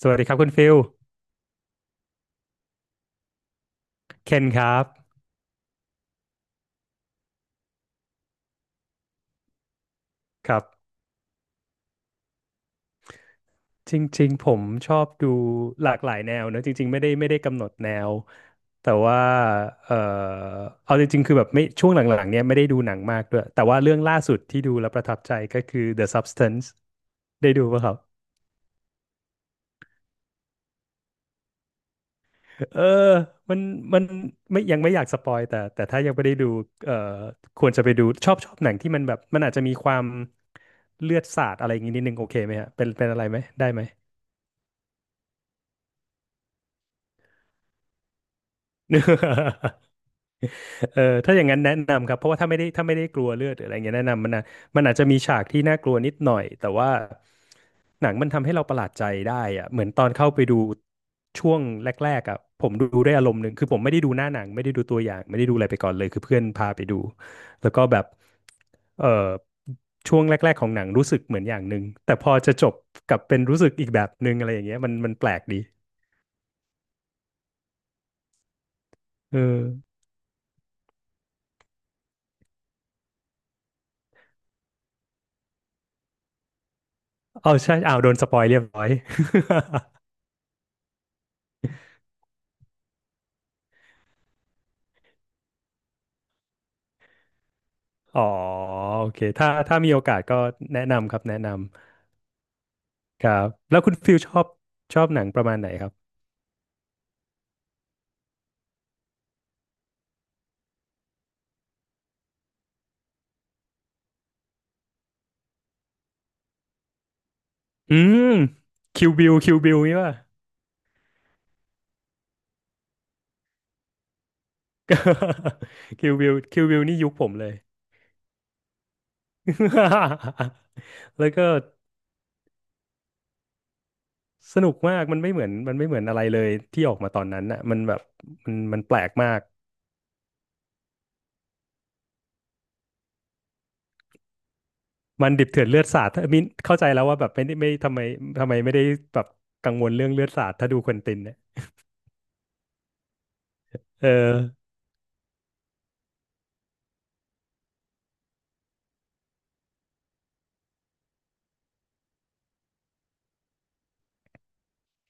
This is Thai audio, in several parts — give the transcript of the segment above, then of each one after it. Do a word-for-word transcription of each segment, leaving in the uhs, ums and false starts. สวัสดีครับคุณฟิลเคนครับครับจริงๆผมชอบดูหลากหลายแนวเนอะจริงๆไม่ได้ไม่ได้กำหนดแนวแต่ว่าเออเอาจริงๆคือแบบไม่ช่วงหลังๆเนี้ยไม่ได้ดูหนังมากด้วย แต่ว่าเรื่องล่าสุดที่ดูแล้วประทับใจก็คือ The Substance ได้ดูป่ะครับเออมันมันไม่ยังไม่อยากสปอยแต่แต่ถ้ายังไม่ได้ดูเอ่อควรจะไปดูชอบชอบหนังที่มันแบบมันอาจจะมีความเลือดสาดอะไรอย่างงี้นิดนึงโอเคไหมฮะเป็นเป็นอะไรไหมได้ไหม เออถ้าอย่างนั้นแนะนำครับเพราะว่าถ้าไม่ได้ถ้าไม่ได้กลัวเลือดหรืออะไรเงี้ยแนะนำมันนะมันอาจจะมีฉากที่น่ากลัวนิดหน่อยแต่ว่าหนังมันทำให้เราประหลาดใจได้อะเหมือนตอนเข้าไปดูช่วงแรกๆอ่ะผมดูได้อารมณ์หนึ่งคือผมไม่ได้ดูหน้าหนังไม่ได้ดูตัวอย่างไม่ได้ดูอะไรไปก่อนเลยคือเพื่อนพาไปดูแล้วก็แบบเออช่วงแรกๆของหนังรู้สึกเหมือนอย่างหนึ่งแต่พอจะจบกลับเป็นรู้สึกอีกแบบหนึ่งอะไรอย่างเงี้ยมันมันแปลกดีเออเอาใช่เอาโดนสปอยเรียบร้อย อ๋อโอเคถ้าถ้ามีโอกาสก็แนะนำครับแนะนำครับแล้วคุณฟิลชอบชอบหนังประมาณไหนครับอืมคิวบิลคิวบิลนี่ป่ะ คิวบิลคิวบิล นี่ยุคผมเลย แล้วก็สนุกมากมันไม่เหมือนมันไม่เหมือนอะไรเลยที่ออกมาตอนนั้นน่ะมันแบบมันมันแปลกมากมันดิบเถื่อนเลือดสาดถ้ามินเข้าใจแล้วว่าแบบไม่ได้ไม่ทำไมทำไมไม่ได้แบบกังวลเรื่องเลือดสาดถ้าดูควินตินเนี่ยเออ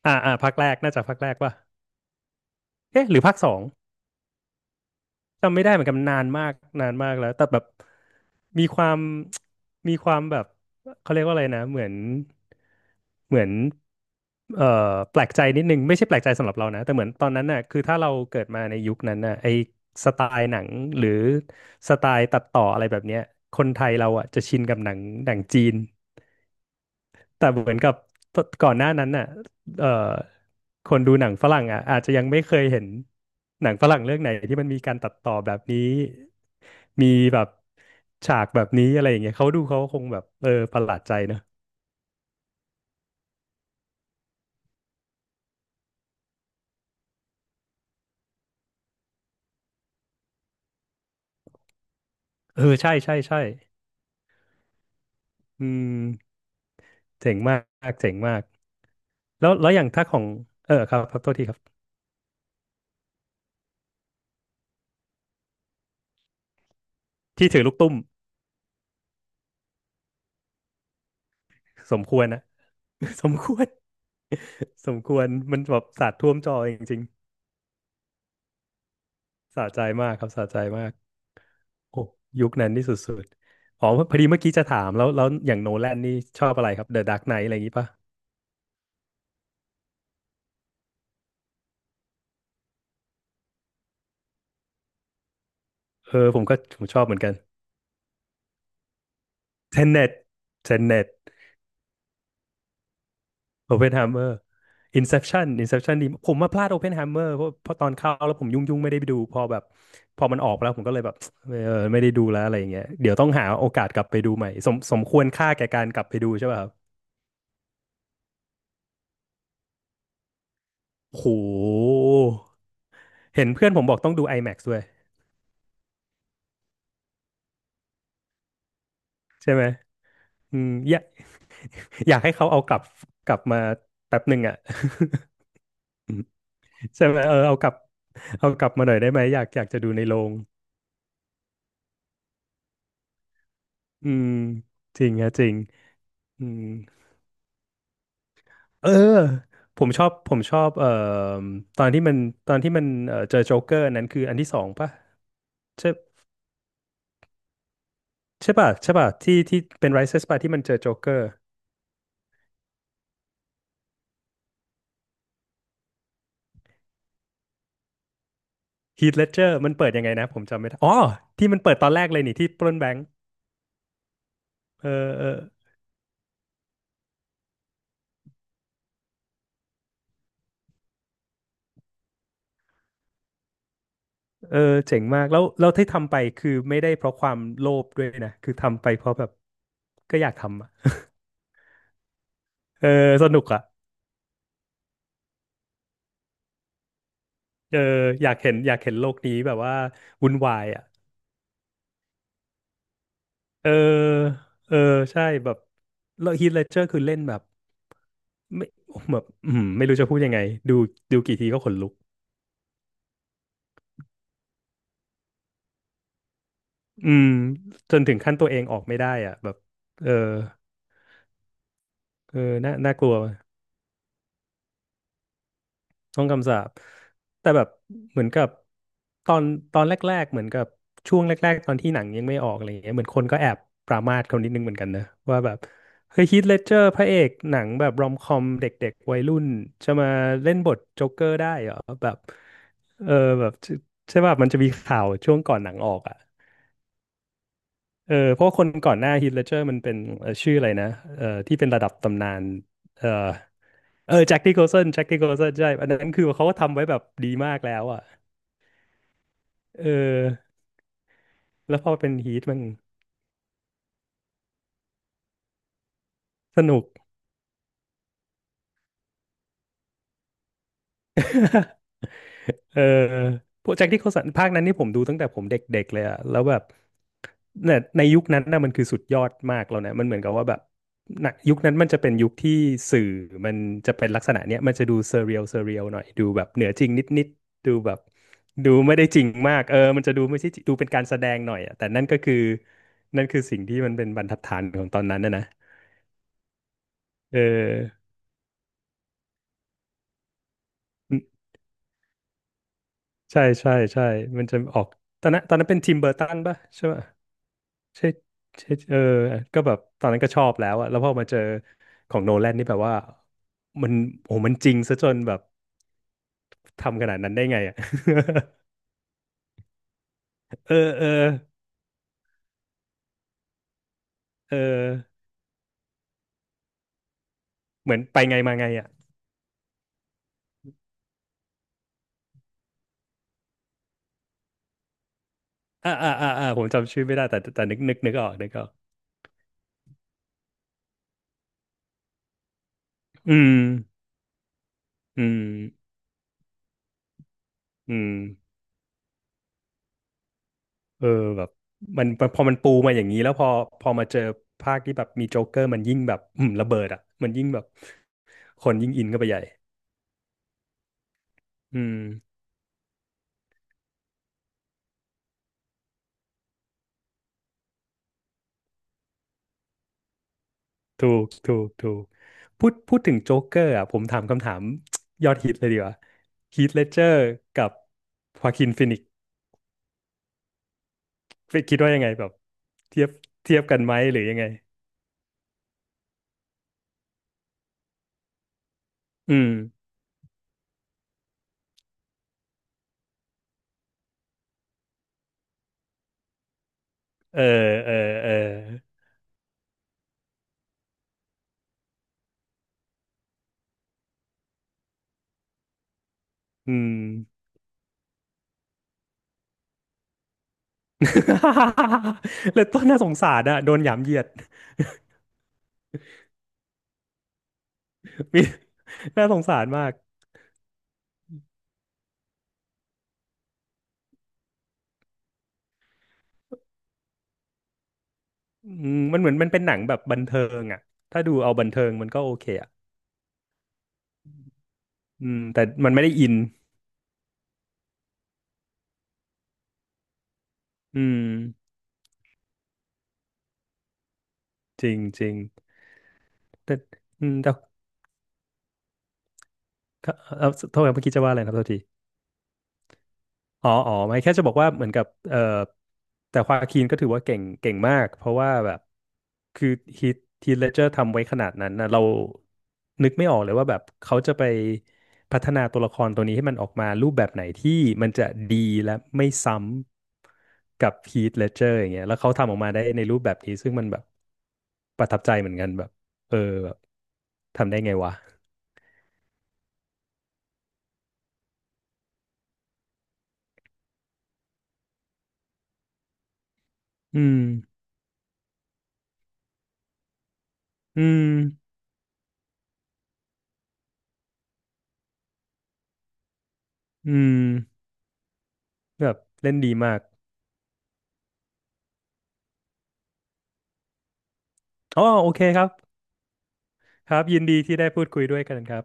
อ่าอ่าภาคแรกน่าจะภาคแรกป่ะ เอ๊ะหรือภาคสองจำไม่ได้เหมือนกันนานมากนานมากแล้วแต่แบบมีความมีความแบบเขาเรียกว่าอะไรนะเหมือนเหมือนเอ่อแปลกใจนิดนึงไม่ใช่แปลกใจสำหรับเรานะแต่เหมือนตอนนั้นน่ะคือถ้าเราเกิดมาในยุคนั้นน่ะไอสไตล์หนังหรือสไตล์ตัดต่ออะไรแบบเนี้ยคนไทยเราอ่ะจะชินกับหนังหนังจีน แต่เหมือนกับก่อนหน้านั้นน่ะเอ่อคนดูหนังฝรั่งอ่ะอาจจะยังไม่เคยเห็นหนังฝรั่งเรื่องไหนที่มันมีการตัดต่อแบบนี้มีแบบฉากแบบนี้อะไรอย่างเงี้ยเขาดูเขาคงแบบเออประหลาดใจเนอะเออใช่ใช่ใช่อืมเจ๋งมากเจ๋งมากแล้วแล้วอย่างถ้าของเออครับครับโทษทีครับที่ถือลูกตุ้มสมควรนะ สมควร สมควรมันแบบสาดท่วมจอจริงๆสะใจมากครับสะใจมาก โอ้ยุคนั้นนี่สุดๆอ๋อพอดีเมื่อกี้จะถามแล้วแล้วอย่างโนแลนนี่ชอบอะไรครับ The Dark Knight อะไรอย่างนี้ป่ะเออผมก็ผมชอบเหมือนกัน Tenet Tenet Oppenheimer Inception Inception นี่ผมมาพลาด Oppenheimer เพราะเพราะตอนเข้าแล้วผมยุ่งๆไม่ได้ไปดูพอแบบพอมันออกไปแล้วผมก็เลยแบบเออไม่ได้ดูแล้วอะไรอย่างเงี้ยเดี๋ยวต้องหาโอกาสกลับไปดูใหม่สมสมควรค่าแก่การกลับไปดูใช่ป่ะครับโหเห็นเพื่อนผมบอกต้องดู IMAX ด้วยใช่ไหมอืม อยากให้เขาเอากลับกลับมาแป๊บหนึ่งอ่ะ ใช่ไหมเออเอากลับเอากลับมาหน่อยได้ไหมอยากอยากจะดูในโรงอืมจริงฮะจริงอืมเออผมชอบผมชอบเอ่อตอนที่มันตอนที่มันเอ่อเจอโจ๊กเกอร์นั้นคืออันที่สองป่ะใช่ใช่ป่ะใช่ป่ะที่ที่เป็น Rises ป่ะที่มันเจอโจ๊กเกอร์ h ีทเลดเจอร์มันเปิดยังไงนะผมจำไม่ได้อ๋อที่มันเปิดตอนแรกเลยนี่ที่ปล้นแบงก์เออเออ เออเจ๋งมากแล้วเร้วที่ทำไปคือไม่ได้เพราะความโลภด้วยนะคือทำไปเพราะแบบก็อยากทำอะเออสนุกอ่ะเอออยากเห็นอยากเห็นโลกนี้แบบว่าวุ่นวายอ่ะเออเออใช่แบบแล้วฮีทเลดเจอร์คือเล่นแบบไม่แบบอืมไม่รู้จะพูดยังไงดูดูกี่ทีก็ขนลุกอืมจนถึงขั้นตัวเองออกไม่ได้อ่ะแบบเออเออน่าน่ากลัว ช่องคำสาปแต่แบบเหมือนกับตอนตอนแรกๆเหมือนกับช่วงแรกๆตอนที่หนังยังไม่ออกอะไรอย่างเงี้ยเหมือนคนก็แอบปรามาสเขานิดนึงเหมือนกันนะว่าแบบเฮ้ยฮีทเลดเจอร์พระเอกหนังแบบรอมคอมเด็กๆวัยรุ่นจะมาเล่นบทโจ๊กเกอร์ได้เหรอแบบเออแบบใช่ใช่ป่ะมันจะมีข่าวช่วงก่อนหนังออกอ่ะเออเพราะว่าคนก่อนหน้าฮีทเลดเจอร์มันเป็นเอ่อชื่ออะไรนะเออที่เป็นระดับตำนานเออ เออแจ็คที่โคลสันแจ็คที่โคลสันใช่อันนั้นคือเขาก็ทำไว้แบบดีมากแล้วอ่ะเออแล้วพอเป็นฮีทมันสนุก เออพวกแจ็คที่เขาสันภาคนั้นนี่ผมดูตั้งแต่ผมเด็กๆเลยอะแล้วแบบเนี่ยในยุคนั้นน่ะมันคือสุดยอดมากแล้วนะมันเหมือนกับว่าแบบณยุคนั้นมันจะเป็นยุคที่สื่อมันจะเป็นลักษณะเนี้ยมันจะดูเซเรียลเซเรียลหน่อยดูแบบเหนือจริงนิดๆดูแบบดูไม่ได้จริงมากเออมันจะดูไม่ใช่จริงดูเป็นการแสดงหน่อยอะแต่นั่นก็คือนั่นคือสิ่งที่มันเป็นบรรทัดฐานของตอนนั้นนะนะเออใช่ใช่ใช่มันจะออกตอนนั้นตอนนั้นเป็นทิมเบอร์ตันป่ะใช่ไหม ใช่ใช่เออก็แบบตอนนั้นก็ชอบแล้วอะแล้วพอมาเจอของโนแลนนี่แบบว่ามันโอ้มันจริงซะจนแบบทำขนาดนั้นได้ไงอะ เออเออเออเหมือนไปไงมาไงอะอ่าอ่าอ่าอ่าผมจำชื่อไม่ได้แต่แต่แต่นึกนึกนึกออกนึกออกอืมอืมอืมเออแบบมันพอมันปูมาอย่างนี้แล้วพอพอมาเจอภาคที่แบบมีโจ๊กเกอร์มันยิ่งแบบอืมระเบิดอ่ะมันยิ่งแบบคนยิ่งอินเข้าไปใหญ่อืม ถูกถูกถูกพูดพูดถึงโจ๊กเกอร์อ่ะผมถามคำถาม ยอดฮิตเลยดีกว่าฮีทเลดเจอร์กับฮวาคินฟินิกซ์คิดว่ายังไงแบบเทียบเทียบกันไหมหรือยังไงอืมเออเออเอออืม เลยต้นน่าสงสารอ่ะโดนหยามเหยียด มีน่าสงสารมากอืมมันเหมือนมันเป็นหนังแบบบันเทิงอ่ะถ้าดูเอาบันเทิงมันก็โอเคอ่ะอืมแต่มันไม่ได้อินอืมจริงจริงแต่อืมแต่ ก็เอ่อโทษครับเมื่อกี้จะว่าอะไรนะครับโทษที อ๋อ อ๋อ ไม่แค่จะบอกว่าเหมือนกับเอ่อแต่ควาคินก็ถือว่าเก่งเก่งมากเพราะว่าแบบคือฮีทฮีทเลดเจอร์ทำไว้ขนาดนั้นนะเรานึกไม่ออกเลยว่าแบบเขาจะไปพัฒนาตัวละครตัวนี้ให้มันออกมารูปแบบไหนที่มันจะดีและไม่ซ้ำกับฮีทเลดเจอร์อย่างเงี้ยแล้วเขาทำออกมาได้ในรูปแบบนี้ซึ่งมันแบบประทับใจเหมือนกันแบบเออแบบทำได้ไงวะอืมอืมอืม แบบเล่นดีมากอ๋อโอเคครับครับยินดีที่ได้พูดคุยด้วยกันครับ